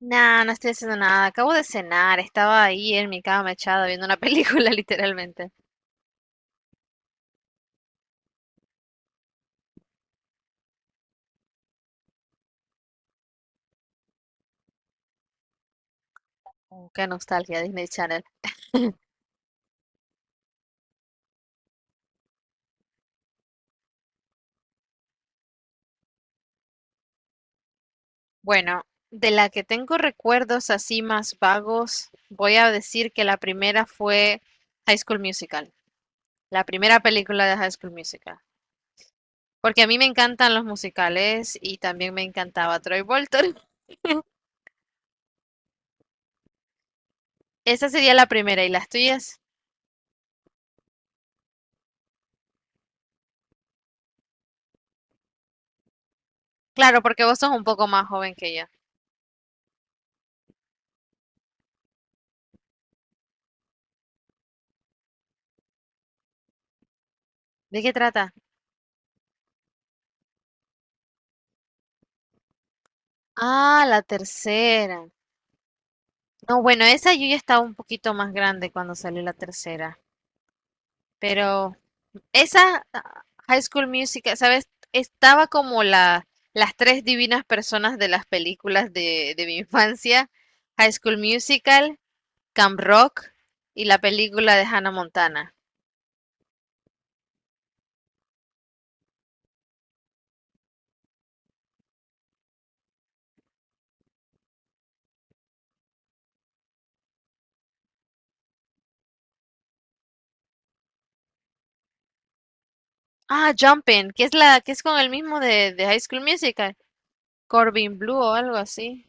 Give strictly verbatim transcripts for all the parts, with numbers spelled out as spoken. Nah, no estoy haciendo nada. Acabo de cenar. Estaba ahí en mi cama echada viendo una película, literalmente. Oh, qué nostalgia, Disney Channel. Bueno, de la que tengo recuerdos así más vagos, voy a decir que la primera fue High School Musical. La primera película de High School Musical. Porque a mí me encantan los musicales y también me encantaba Troy Bolton. Esa sería la primera. ¿Y las tuyas? Claro, porque vos sos un poco más joven que yo. ¿De qué trata? Ah, la tercera. No, bueno, esa yo ya estaba un poquito más grande cuando salió la tercera, pero esa ah, High School Musical, ¿sabes? Estaba como la, las tres divinas personas de las películas de, de mi infancia, High School Musical, Camp Rock y la película de Hannah Montana. Ah, Jumpin', que es la que es con el mismo de, de High School Musical, Corbin Blue o algo así.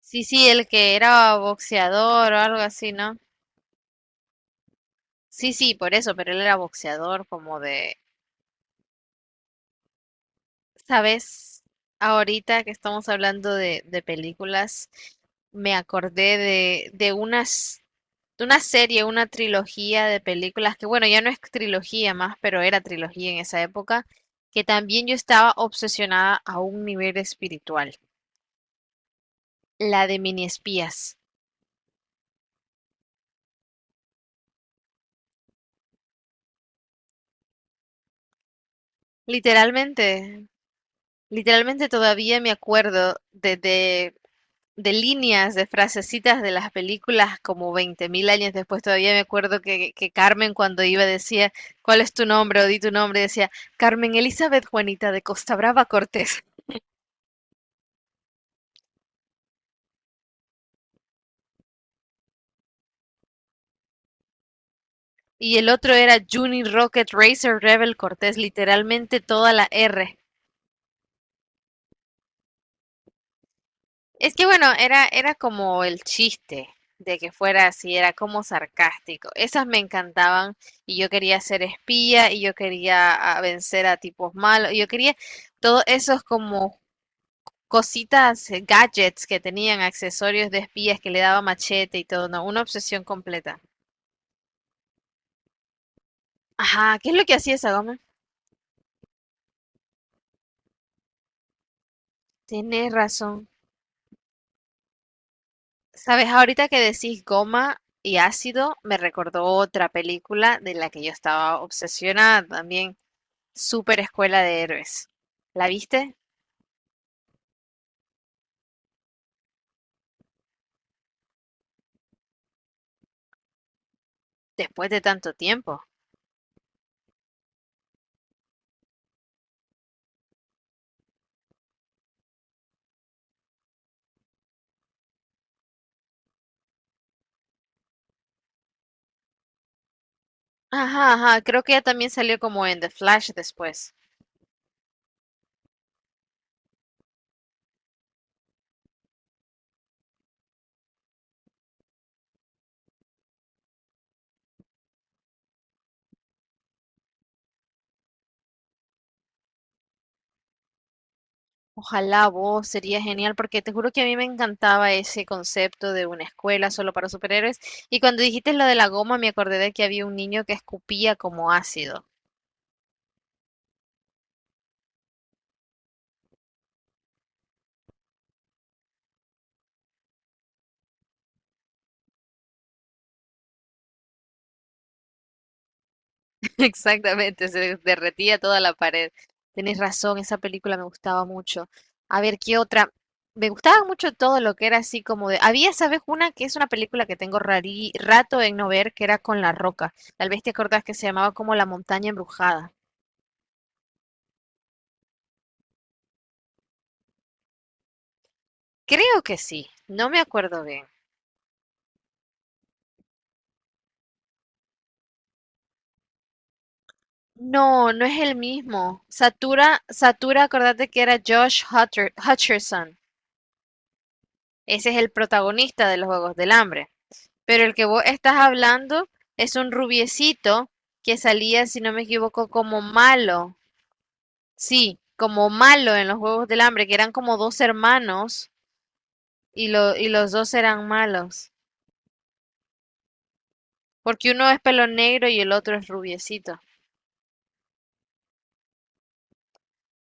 Sí, sí, el que era boxeador o algo así, ¿no? Sí, sí, por eso, pero él era boxeador como de. Sabes, ahorita que estamos hablando de, de películas, me acordé de, de unas, de una serie, una trilogía de películas que, bueno, ya no es trilogía más, pero era trilogía en esa época, que también yo estaba obsesionada a un nivel espiritual, la de Mini Espías. Literalmente, literalmente todavía me acuerdo de, de de líneas, de frasecitas de las películas como veinte mil años después. Todavía me acuerdo que, que Carmen cuando iba decía, ¿cuál es tu nombre? O di tu nombre, decía, Carmen Elizabeth Juanita de Costa Brava Cortés. Y el otro era Juni Rocket Racer Rebel Cortés, literalmente toda la R. Es que bueno, era, era como el chiste de que fuera así, era como sarcástico. Esas me encantaban y yo quería ser espía y yo quería ah, vencer a tipos malos y yo quería todos esos como cositas, eh, gadgets que tenían, accesorios de espías que le daba machete y todo, no, una obsesión completa. Ajá, ¿qué es lo que hacía esa goma? Tienes razón. Sabes, ahorita que decís goma y ácido, me recordó otra película de la que yo estaba obsesionada también, Super Escuela de Héroes. ¿La viste? Después de tanto tiempo. Ajá, ajá, creo que ella también salió como en The Flash después. Ojalá vos, sería genial, porque te juro que a mí me encantaba ese concepto de una escuela solo para superhéroes. Y cuando dijiste lo de la goma, me acordé de que había un niño que escupía como ácido. Exactamente, se derretía toda la pared. Tenés razón, esa película me gustaba mucho. A ver, ¿qué otra? Me gustaba mucho todo lo que era así como de. Había, ¿sabes? Una que es una película que tengo rarí- rato en no ver, que era con La Roca. Tal vez te acordás que se llamaba como La Montaña Embrujada. Creo que sí, no me acuerdo bien. No, no es el mismo. Satura, Satura, acordate que era Josh Hutter- Hutcherson. Ese es el protagonista de los Juegos del Hambre. Pero el que vos estás hablando es un rubiecito que salía, si no me equivoco, como malo. Sí, como malo en los Juegos del Hambre, que eran como dos hermanos y, lo, y los dos eran malos. Porque uno es pelo negro y el otro es rubiecito.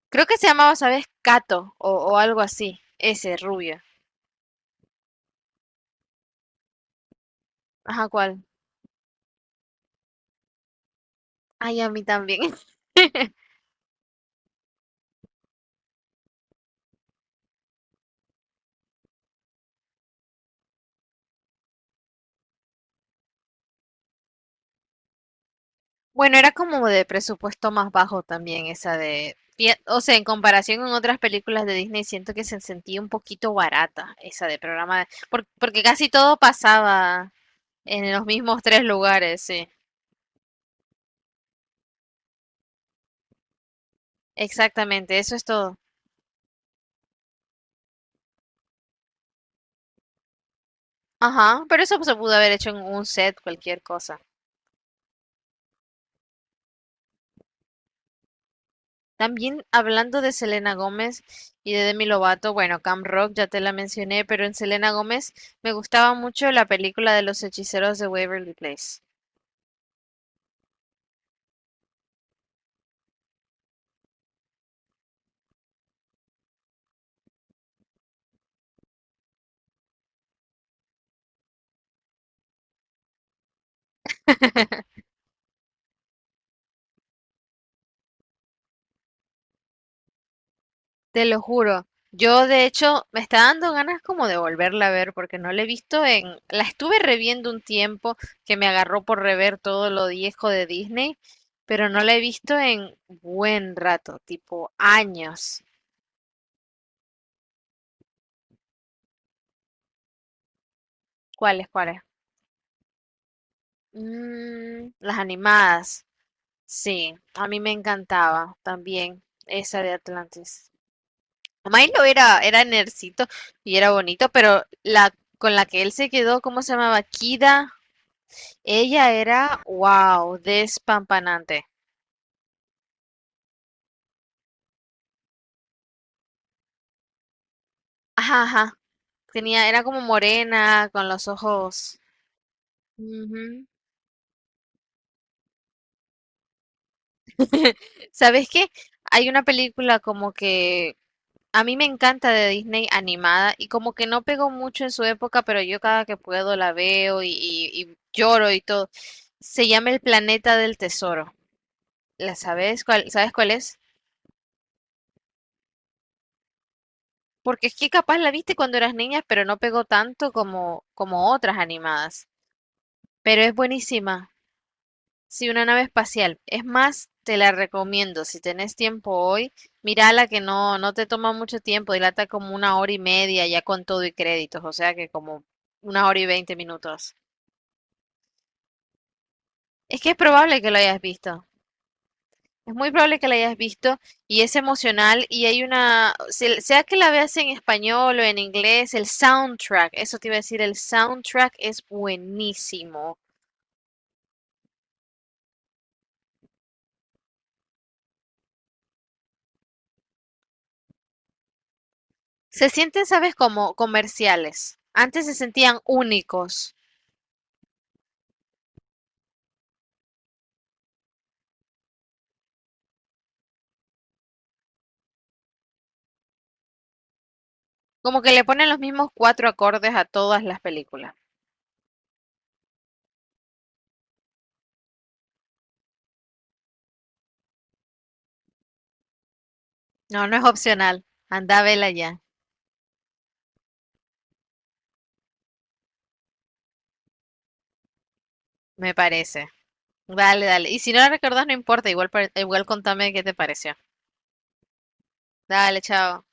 Creo que se llamaba, ¿sabes? Cato o, o algo así. Ese rubio. Ajá, ¿cuál? Ay, a mí también. Bueno, era como de presupuesto más bajo también esa de... fie- o sea, en comparación con otras películas de Disney, siento que se sentía un poquito barata esa de programa, de- por- porque casi todo pasaba en los mismos tres lugares, sí. Exactamente, eso es todo. Ajá, pero eso se pudo haber hecho en un set, cualquier cosa. También hablando de Selena Gómez y de Demi Lovato, bueno, Camp Rock ya te la mencioné, pero en Selena Gómez me gustaba mucho la película de los hechiceros de Waverly Place. Te lo juro. Yo, de hecho, me está dando ganas como de volverla a ver porque no la he visto en. La estuve reviendo un tiempo que me agarró por rever todo lo viejo de Disney, pero no la he visto en buen rato, tipo años. ¿Cuáles, cuáles? Mm, las animadas. Sí, a mí me encantaba también esa de Atlantis. Milo era, era nercito y era bonito, pero la con la que él se quedó, ¿cómo se llamaba? Kida. Ella era, wow, despampanante. Ajá, ajá. Tenía, era como morena, con los ojos. Ujú. ¿Sabes qué? Hay una película como que a mí me encanta de Disney animada y como que no pegó mucho en su época, pero yo cada que puedo la veo y, y- y lloro y todo. Se llama El Planeta del Tesoro. ¿La sabes cuál, Sabes cuál es? Porque es que capaz la viste cuando eras niña, pero no pegó tanto como, como otras animadas. Pero es buenísima. Sí, una nave espacial. Es más, te la recomiendo. Si tenés tiempo hoy, mírala que no, no te toma mucho tiempo. Dilata como una hora y media ya con todo y créditos. O sea que como una hora y veinte minutos. Es que es probable que lo hayas visto. Es muy probable que la hayas visto y es emocional y hay una, se- sea que la veas en español o en inglés, el soundtrack, eso te iba a decir, el soundtrack es buenísimo. Se sienten, ¿sabes? Como comerciales. Antes se sentían únicos. Como que le ponen los mismos cuatro acordes a todas las películas. No, no es opcional. Anda, vela ya, me parece. Dale, dale. Y si no la recordás, no importa. Igual, pare- igual contame qué te pareció. Dale, chao.